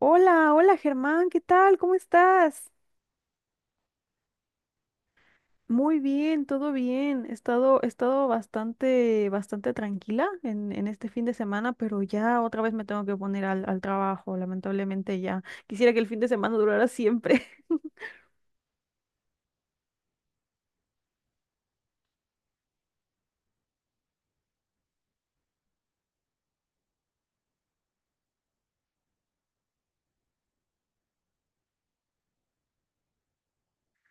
Hola, hola Germán, ¿qué tal? ¿Cómo estás? Muy bien, todo bien. He estado bastante, bastante tranquila en este fin de semana, pero ya otra vez me tengo que poner al trabajo, lamentablemente ya. Quisiera que el fin de semana durara siempre.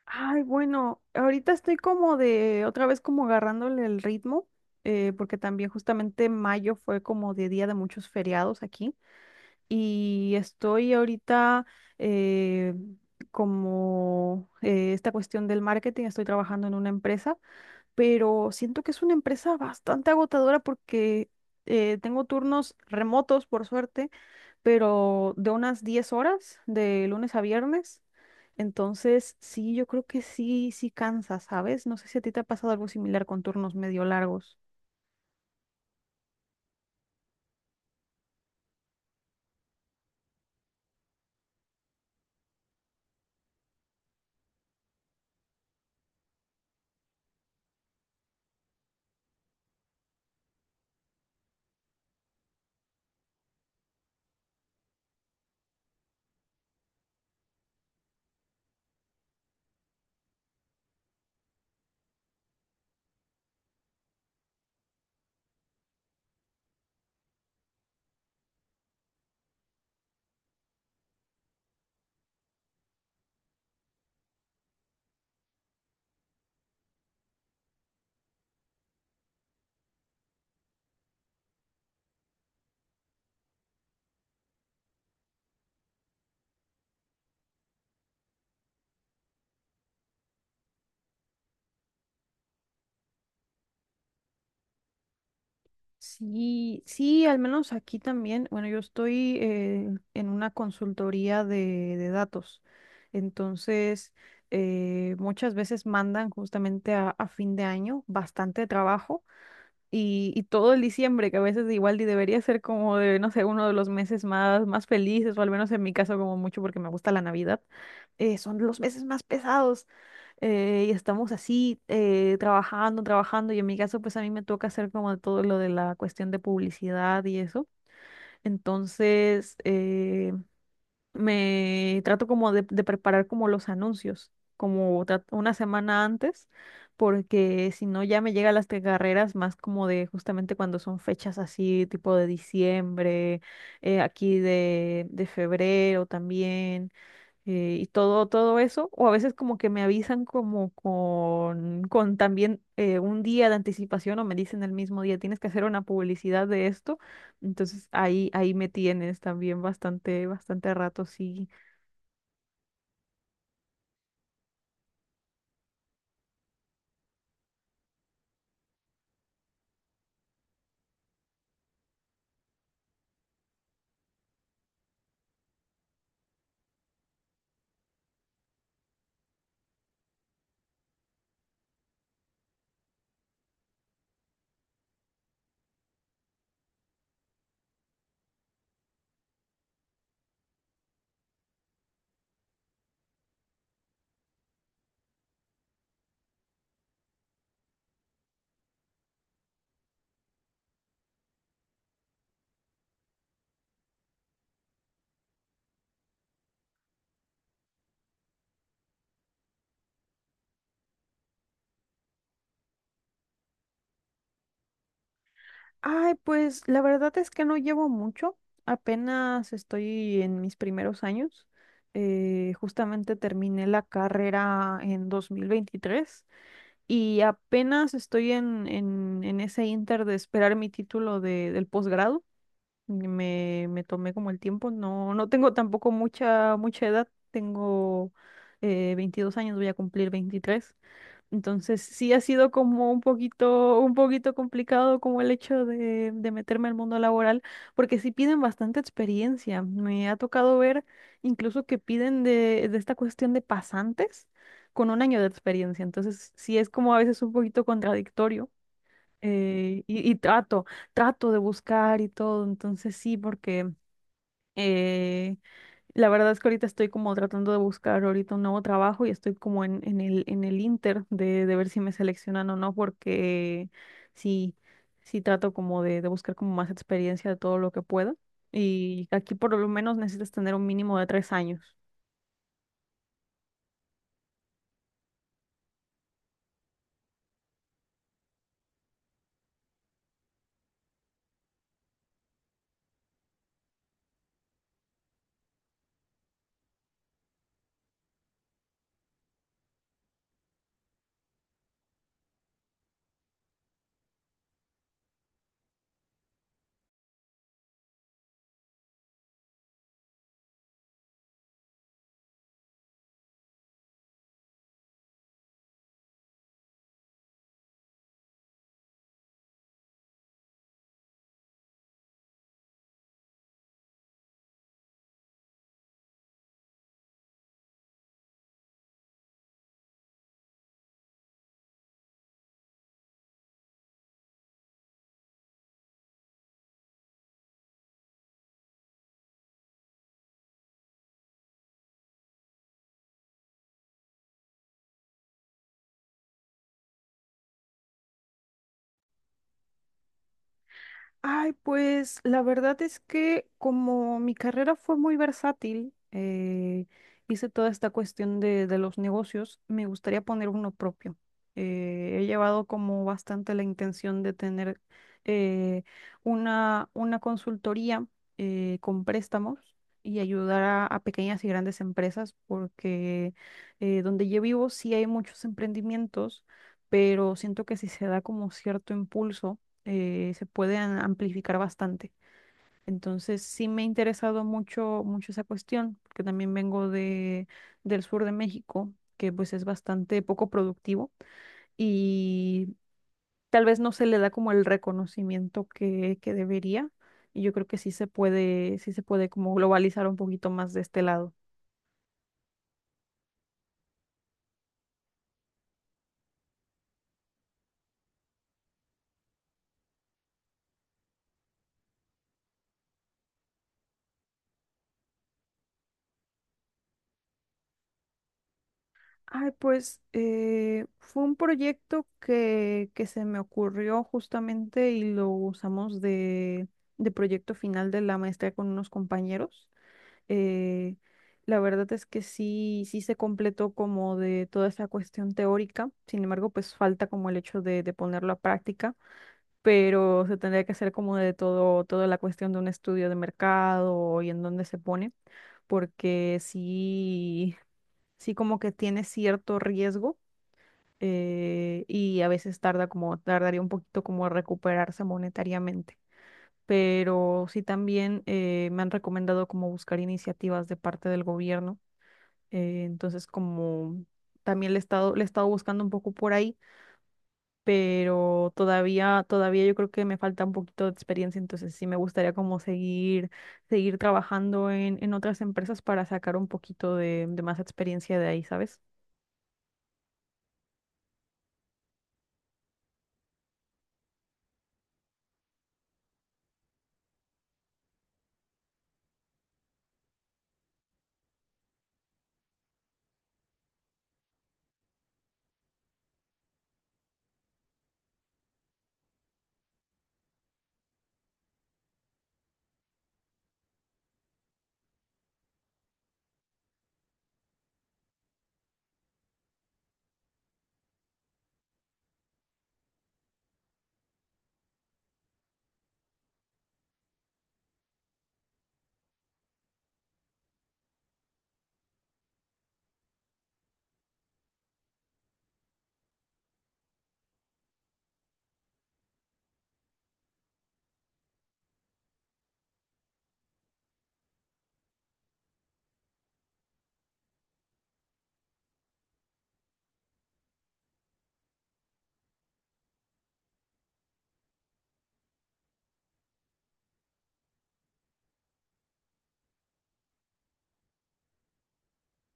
Ay, bueno, ahorita estoy como de, otra vez como agarrándole el ritmo, porque también justamente mayo fue como de día de muchos feriados aquí. Y estoy ahorita eh, como esta cuestión del marketing, estoy trabajando en una empresa, pero siento que es una empresa bastante agotadora porque tengo turnos remotos, por suerte, pero de unas 10 horas, de lunes a viernes. Entonces, sí, yo creo que sí, sí cansa, ¿sabes? No sé si a ti te ha pasado algo similar con turnos medio largos. Sí, sí, al menos aquí también. Bueno, yo estoy en una consultoría de datos. Entonces, muchas veces mandan justamente a fin de año bastante trabajo y todo el diciembre, que a veces igual y debería ser como de, no sé, uno de los meses más, más felices, o al menos en mi caso como mucho porque me gusta la Navidad, son los meses más pesados. Y estamos así, trabajando, trabajando, y en mi caso, pues a mí me toca hacer como todo lo de la cuestión de publicidad y eso. Entonces, me trato como de preparar como los anuncios, como una semana antes, porque si no ya me llegan las carreras más como de justamente cuando son fechas así, tipo de diciembre, aquí de febrero también y todo, todo eso, o a veces como que me avisan como con también un día de anticipación o me dicen el mismo día, tienes que hacer una publicidad de esto, entonces ahí, ahí me tienes también bastante, bastante rato, sí. Ay, pues la verdad es que no llevo mucho, apenas estoy en mis primeros años, justamente terminé la carrera en 2023. Y apenas estoy en ese inter de esperar mi título de, del posgrado. Me tomé como el tiempo. No, no tengo tampoco mucha, mucha edad. Tengo 22 años, voy a cumplir 23. Entonces sí ha sido como un poquito complicado como el hecho de meterme al mundo laboral, porque sí piden bastante experiencia. Me ha tocado ver incluso que piden de esta cuestión de pasantes con un año de experiencia. Entonces sí es como a veces un poquito contradictorio. Y, y trato, trato de buscar y todo. Entonces sí, porque eh, la verdad es que ahorita estoy como tratando de buscar ahorita un nuevo trabajo y estoy como en, en el inter de ver si me seleccionan o no, porque sí, sí trato como de buscar como más experiencia de todo lo que pueda. Y aquí por lo menos necesitas tener un mínimo de 3 años. Ay, pues la verdad es que como mi carrera fue muy versátil, hice toda esta cuestión de los negocios, me gustaría poner uno propio. He llevado como bastante la intención de tener eh, una consultoría con préstamos y ayudar a pequeñas y grandes empresas porque donde yo vivo sí hay muchos emprendimientos, pero siento que si se da como cierto impulso se pueden amplificar bastante. Entonces, sí me ha interesado mucho, mucho esa cuestión, porque también vengo de, del sur de México, que pues es bastante poco productivo y tal vez no se le da como el reconocimiento que debería. Y yo creo que sí se puede como globalizar un poquito más de este lado. Ay, pues fue un proyecto que se me ocurrió justamente y lo usamos de proyecto final de la maestría con unos compañeros. Eh, la verdad es que sí, sí se completó como de toda esa cuestión teórica, sin embargo, pues falta como el hecho de ponerlo a práctica, pero se tendría que hacer como de todo, toda la cuestión de un estudio de mercado y en dónde se pone, porque sí, sí como que tiene cierto riesgo y a veces tarda como, tardaría un poquito como recuperarse monetariamente. Pero sí también me han recomendado como buscar iniciativas de parte del gobierno. Entonces como también le he estado buscando un poco por ahí, pero todavía, todavía yo creo que me falta un poquito de experiencia. Entonces sí me gustaría como seguir, seguir trabajando en otras empresas para sacar un poquito de más experiencia de ahí, ¿sabes?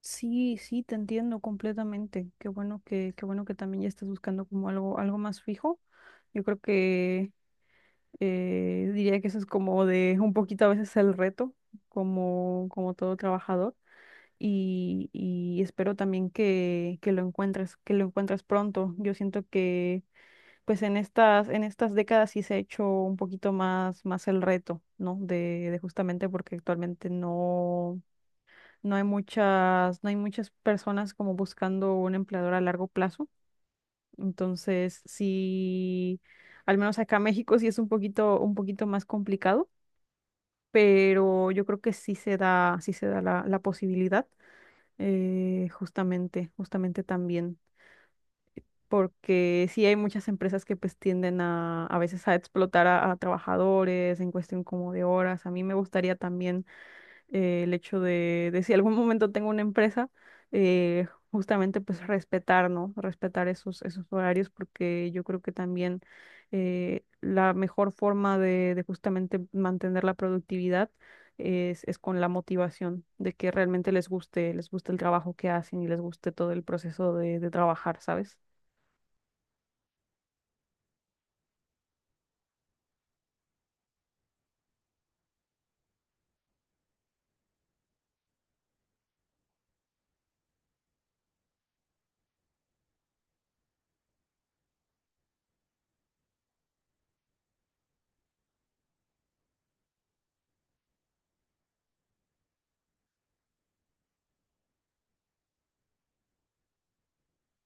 Sí, sí, te entiendo completamente. Qué bueno que también ya estás buscando como algo, algo más fijo. Yo creo que diría que eso es como de un poquito a veces el reto, como, como todo trabajador. Y espero también que lo encuentres pronto. Yo siento que pues en estas décadas sí se ha hecho un poquito más, más el reto, ¿no? De justamente porque actualmente no. No hay muchas, no hay muchas personas como buscando un empleador a largo plazo. Entonces, sí, al menos acá en México sí es un poquito más complicado, pero yo creo que sí se da la, la posibilidad, justamente, justamente también. Porque sí hay muchas empresas que pues tienden a veces a explotar a trabajadores en cuestión como de horas. A mí me gustaría también el hecho de si algún momento tengo una empresa, justamente pues respetar, ¿no? Respetar esos, esos horarios porque yo creo que también la mejor forma de justamente mantener la productividad es con la motivación de que realmente les guste el trabajo que hacen y les guste todo el proceso de trabajar, ¿sabes?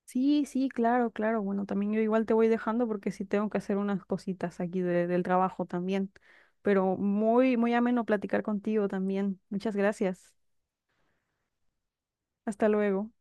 Sí, sí, claro, claro. Bueno, también yo igual te voy dejando porque sí tengo que hacer unas cositas aquí del trabajo también. Pero muy, muy ameno platicar contigo también. Muchas gracias. Hasta luego.